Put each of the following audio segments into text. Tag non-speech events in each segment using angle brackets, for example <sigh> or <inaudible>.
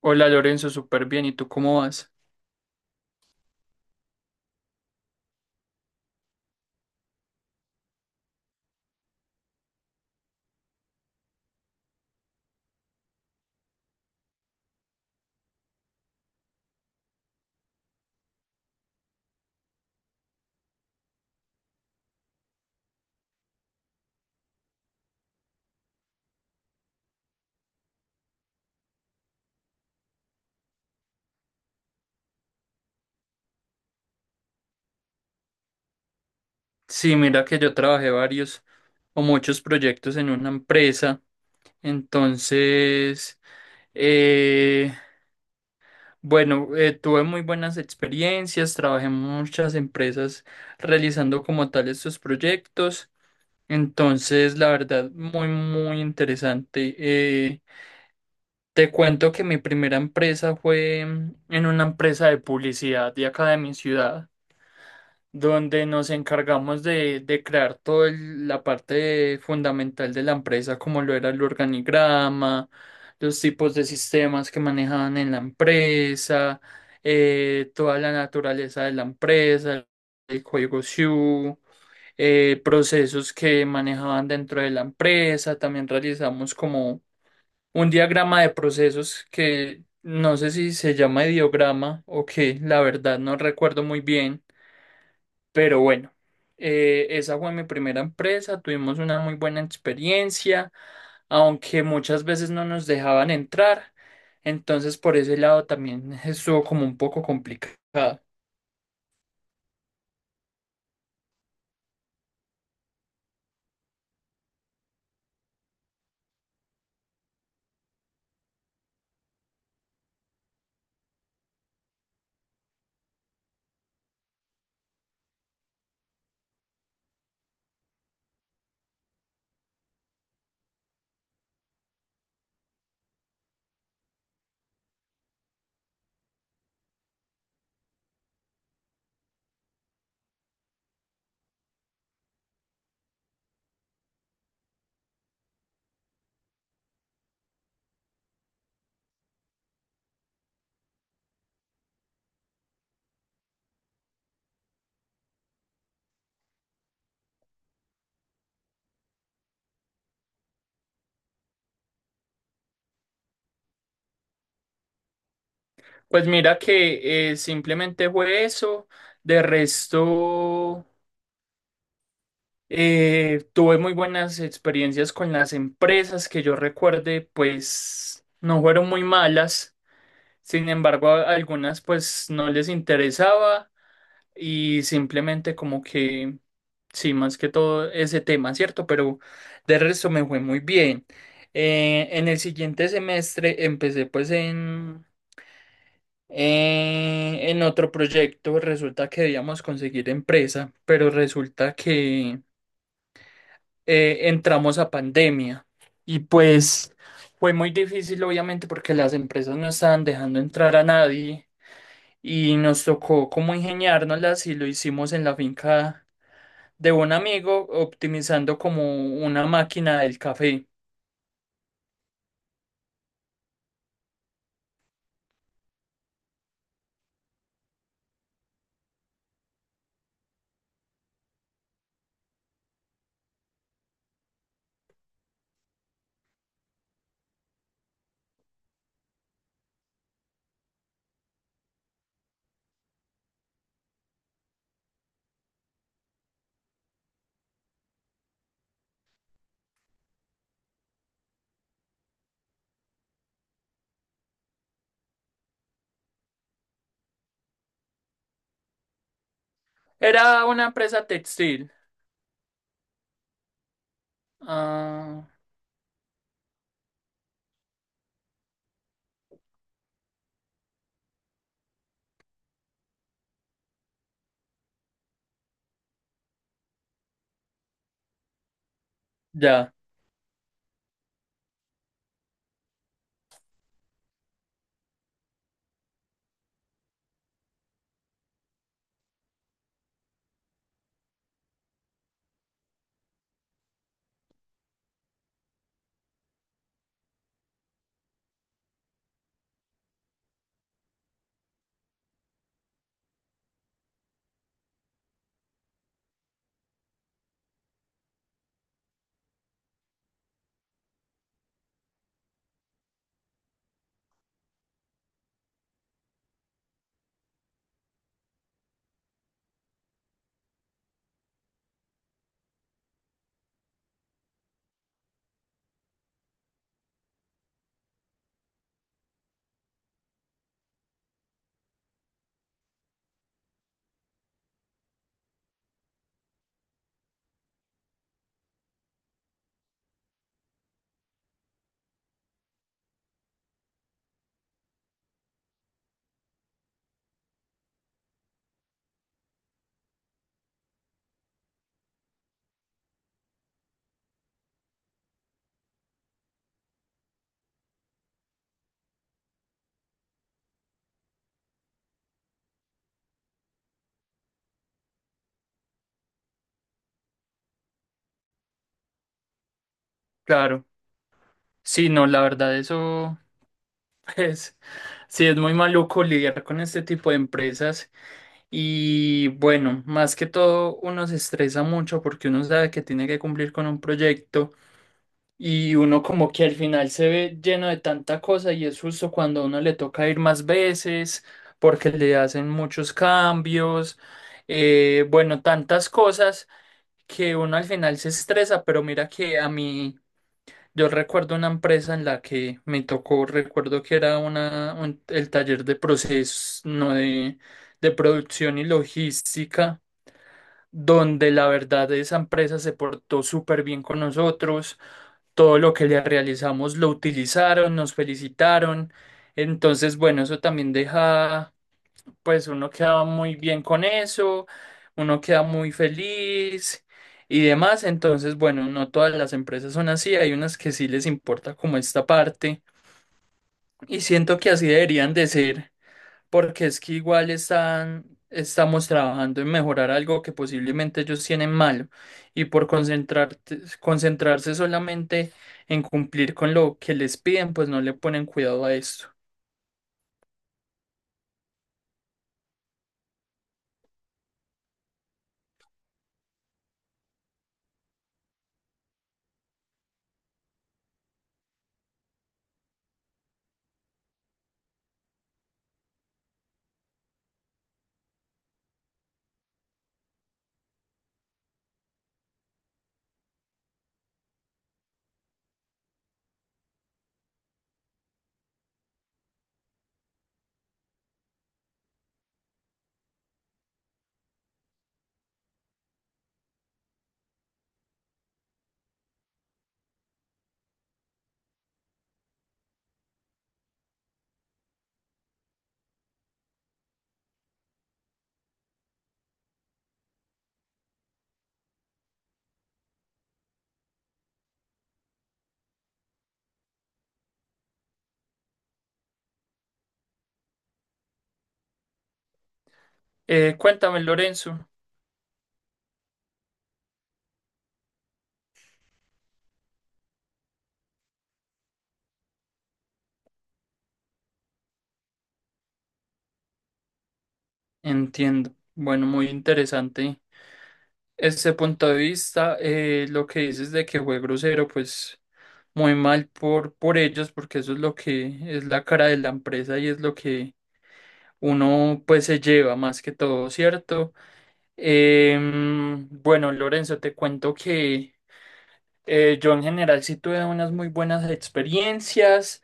Hola Lorenzo, súper bien. ¿Y tú cómo vas? Sí, mira que yo trabajé varios o muchos proyectos en una empresa. Entonces, eh, bueno, tuve muy buenas experiencias, trabajé en muchas empresas realizando como tal estos proyectos. Entonces, la verdad, muy, muy interesante. Te cuento que mi primera empresa fue en una empresa de publicidad de acá de mi ciudad, donde nos encargamos de crear toda la parte fundamental de la empresa, como lo era el organigrama, los tipos de sistemas que manejaban en la empresa, toda la naturaleza de la empresa, el código SIU, procesos que manejaban dentro de la empresa. También realizamos como un diagrama de procesos que no sé si se llama ideograma o qué. La verdad, no recuerdo muy bien, pero bueno, esa fue mi primera empresa. Tuvimos una muy buena experiencia, aunque muchas veces no nos dejaban entrar, entonces por ese lado también <laughs> estuvo como un poco complicado. Pues mira que simplemente fue eso. De resto, tuve muy buenas experiencias con las empresas. Que yo recuerde, pues no fueron muy malas, sin embargo a algunas pues no les interesaba. Y simplemente como que, sí, más que todo ese tema, ¿cierto? Pero de resto me fue muy bien. En el siguiente semestre empecé pues en otro proyecto. Resulta que debíamos conseguir empresa, pero resulta que entramos a pandemia. Y pues fue muy difícil, obviamente, porque las empresas no estaban dejando entrar a nadie. Y nos tocó como ingeniárnoslas y lo hicimos en la finca de un amigo optimizando como una máquina del café. ¿Era una empresa textil? Ah, ya, claro. Sí, no, la verdad, eso <laughs> es, sí, es muy maluco lidiar con este tipo de empresas. Y bueno, más que todo, uno se estresa mucho porque uno sabe que tiene que cumplir con un proyecto. Y uno como que al final se ve lleno de tanta cosa y es justo cuando a uno le toca ir más veces porque le hacen muchos cambios, bueno, tantas cosas, que uno al final se estresa. Pero mira que a mí, yo recuerdo una empresa en la que me tocó, recuerdo que era el taller de procesos, no de, de producción y logística, donde la verdad esa empresa se portó súper bien con nosotros. Todo lo que le realizamos lo utilizaron, nos felicitaron. Entonces, bueno, eso también deja, pues uno queda muy bien con eso, uno queda muy feliz y demás. Entonces, bueno, no todas las empresas son así, hay unas que sí les importa como esta parte. Y siento que así deberían de ser, porque es que igual están, estamos trabajando en mejorar algo que posiblemente ellos tienen malo, y por concentrarse solamente en cumplir con lo que les piden, pues no le ponen cuidado a esto. Cuéntame, Lorenzo. Entiendo. Bueno, muy interesante ese punto de vista. Lo que dices de que fue grosero, pues muy mal por ellos, porque eso es lo que es la cara de la empresa y es lo que uno pues se lleva más que todo, ¿cierto? Em, bueno, Lorenzo, te cuento que yo en general sí tuve unas muy buenas experiencias.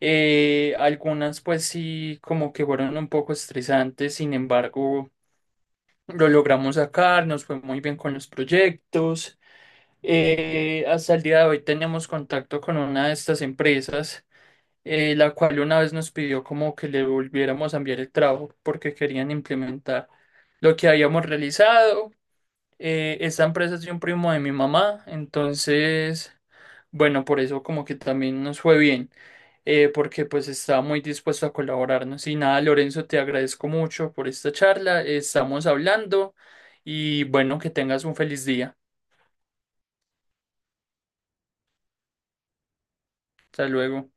Eh, algunas pues sí como que fueron un poco estresantes, sin embargo lo logramos sacar, nos fue muy bien con los proyectos. Eh, hasta el día de hoy tenemos contacto con una de estas empresas, la cual una vez nos pidió como que le volviéramos a enviar el trabajo porque querían implementar lo que habíamos realizado. Esta empresa es de un primo de mi mamá, entonces, bueno, por eso como que también nos fue bien, porque pues estaba muy dispuesto a colaborarnos. Y nada, Lorenzo, te agradezco mucho por esta charla, estamos hablando y bueno, que tengas un feliz día. Hasta luego.